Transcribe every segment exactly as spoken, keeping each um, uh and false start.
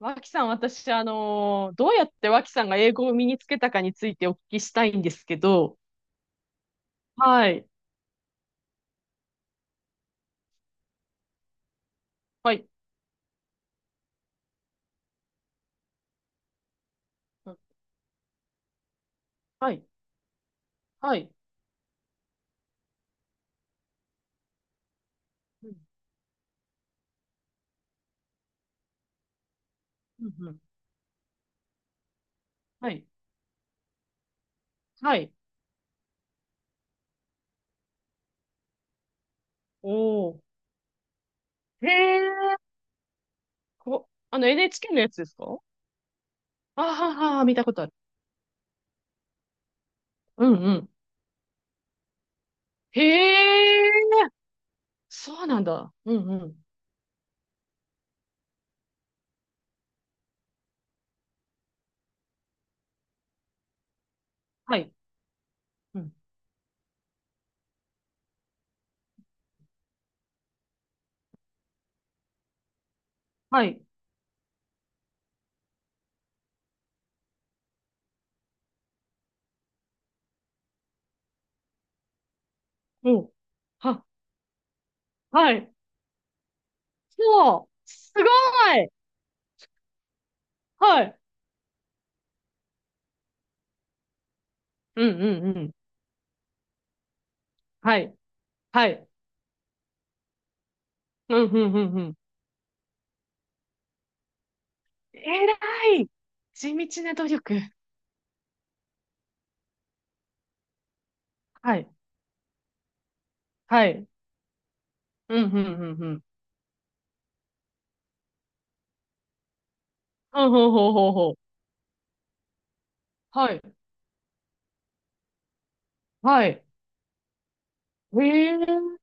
脇さん、私、あのーどうやって脇さんが英語を身につけたかについてお聞きしたいんですけど、はい。はい。はい。はい。うん、うん、うん。はい。はい。おお。へえ。こ、あの エヌエイチケー のやつですかあ？はは、見たことある。うん、うん。へえ。そうなんだ。うん、うん。はい。うん。はい。おう。は。はい。そう、すごい。はい。うん、うん、うん。はい。はい。うん、うん、うん、うん。えらい地道な努力。はい。はい。うん、うん、うん、うん。ほうほうほうほうほう。はい。はい。へえ。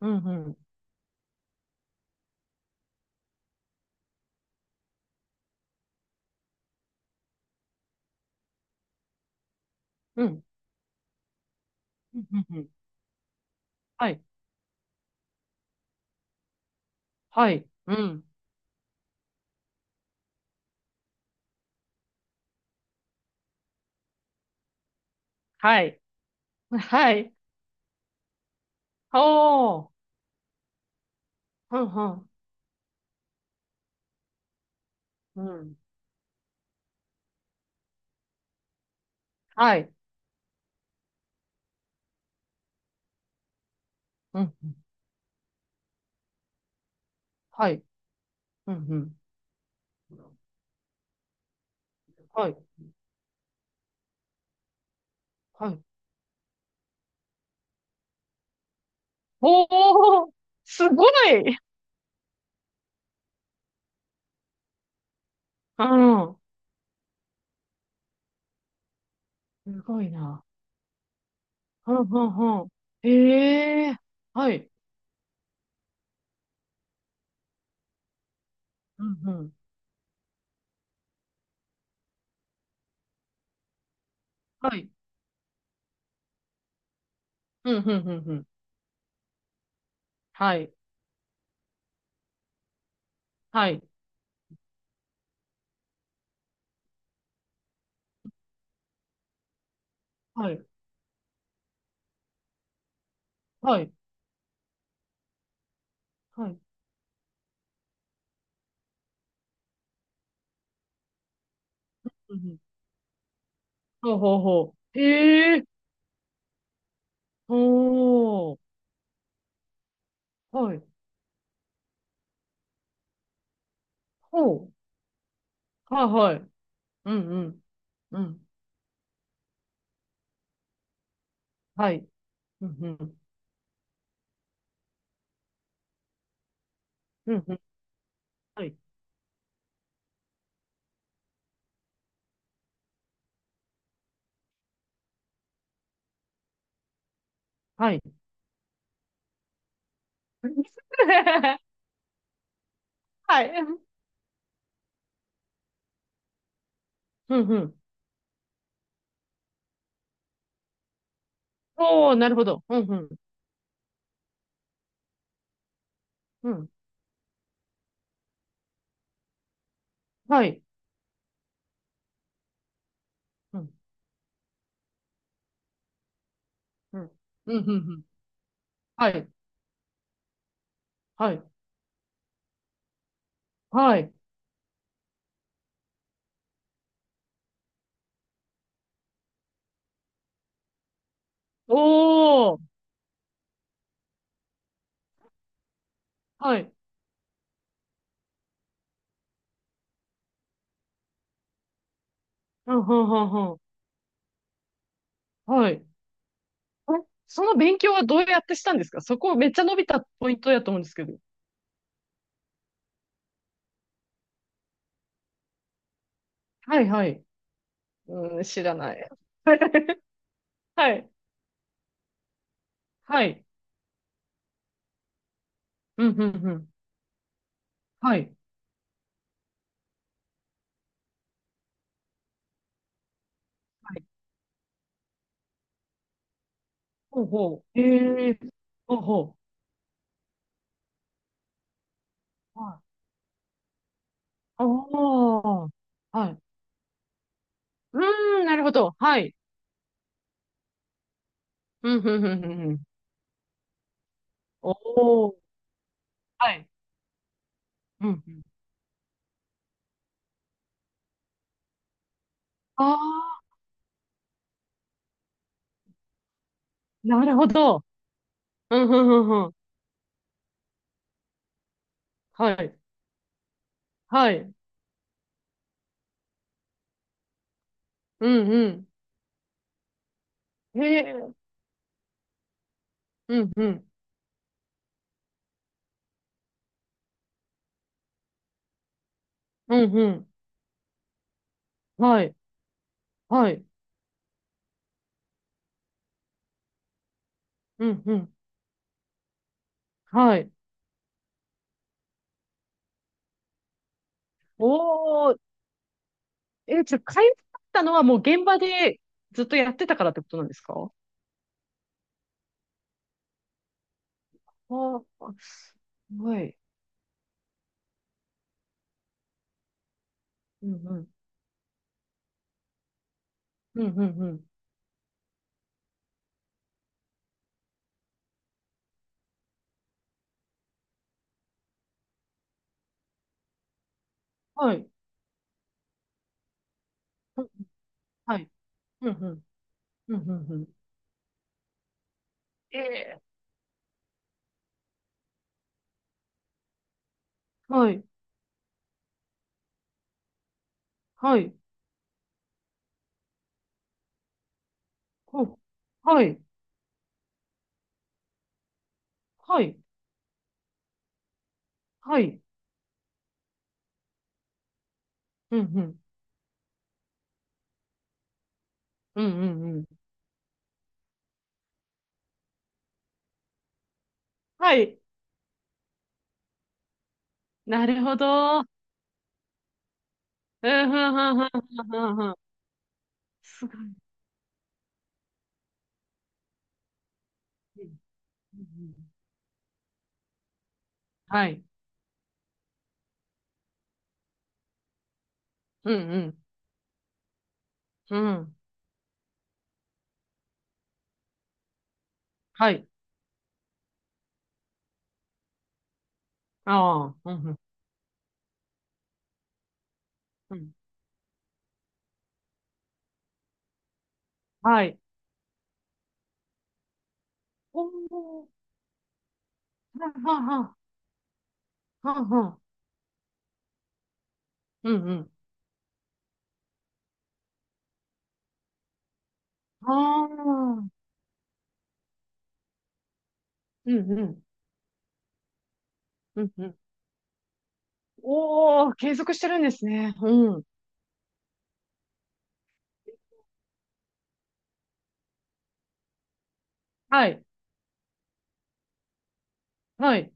うん、うん。うん。うん、うん、うん。はい。はい。うん。はい。はい。おー。うん、うん。うん。はい。うん、うん。はい。うん、うん。はい。はい。おー。すごい。うん。すごいな。うん、うん、うん。へえ。はい。うん、うん。はい。うん、うん、うん、うん。はい、はい、はい、はい、はい。うん、うん。ほうほうほう。へえ。ほう。はい。ほう。はい。はい。うん、うん、うん。はい。うん、うん、うん、うん。はい、はい。はい。うん、うん。おー、なるほど。うん、うん、うん。はい。うん、うん、うん、うん、うん。はい、はい、はい。おー。はい。うん、うん、うん、うん。はい。えその勉強はどうやってしたんですか？そこめっちゃ伸びたポイントやと思うんですけど。はいはい。うん、知らない。はい。はい。うん、うん、うん。はい。はい。ほうほう。へえ。ほうほう。はい。ああ。はい。うーん、なるほど。はい。うん、うん、うん、うんうん。おお。はい。うん。うん。ああ、なるほど。うん、うん、うん、うん。はい。はい。うん、うん。へえ。うん、うん。うん、うん。はい。はい。うんうん。はい。おー。え、じゃあ、かゆかったのはもう現場でずっとやってたからってことなんですか？あー、すごい。うんうん。うんうんうん。はい。うん。はい。うんうん。うんうんうん。ええ。はい。はい。ほう。はい。はい。はい。うんうん。ええはいはいほはいはいはいうんうんうん。はい。なるほど。うんうんうんうんうんうん。すごい。うんうん。はい。うんうん。うん。はい。ああ、うん、うん、うん。はい。おお。はんはんはん、はんはん。うん、うん。ああ、うん、うん、うん、うん。おお、継続してるんですね。うん。はい、はい、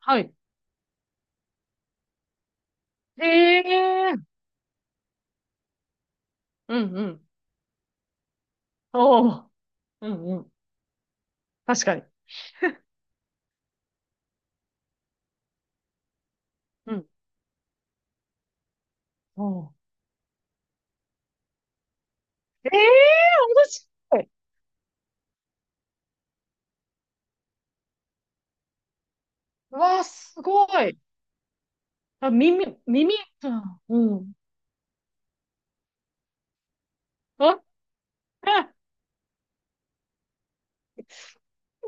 はい。ええ。うん、うん。おお、うん、うん。確かに。うん。おお。ええ、面白い。うわあ、すごい。あ、耳、耳。うん。うん。あ、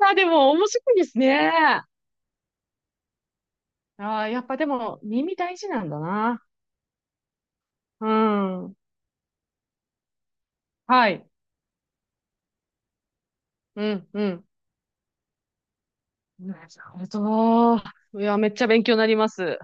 あでも面白いですね。ああ、やっぱでも耳大事なんだな。うん。はい。うん、うん。なるほど。いや、めっちゃ勉強になります。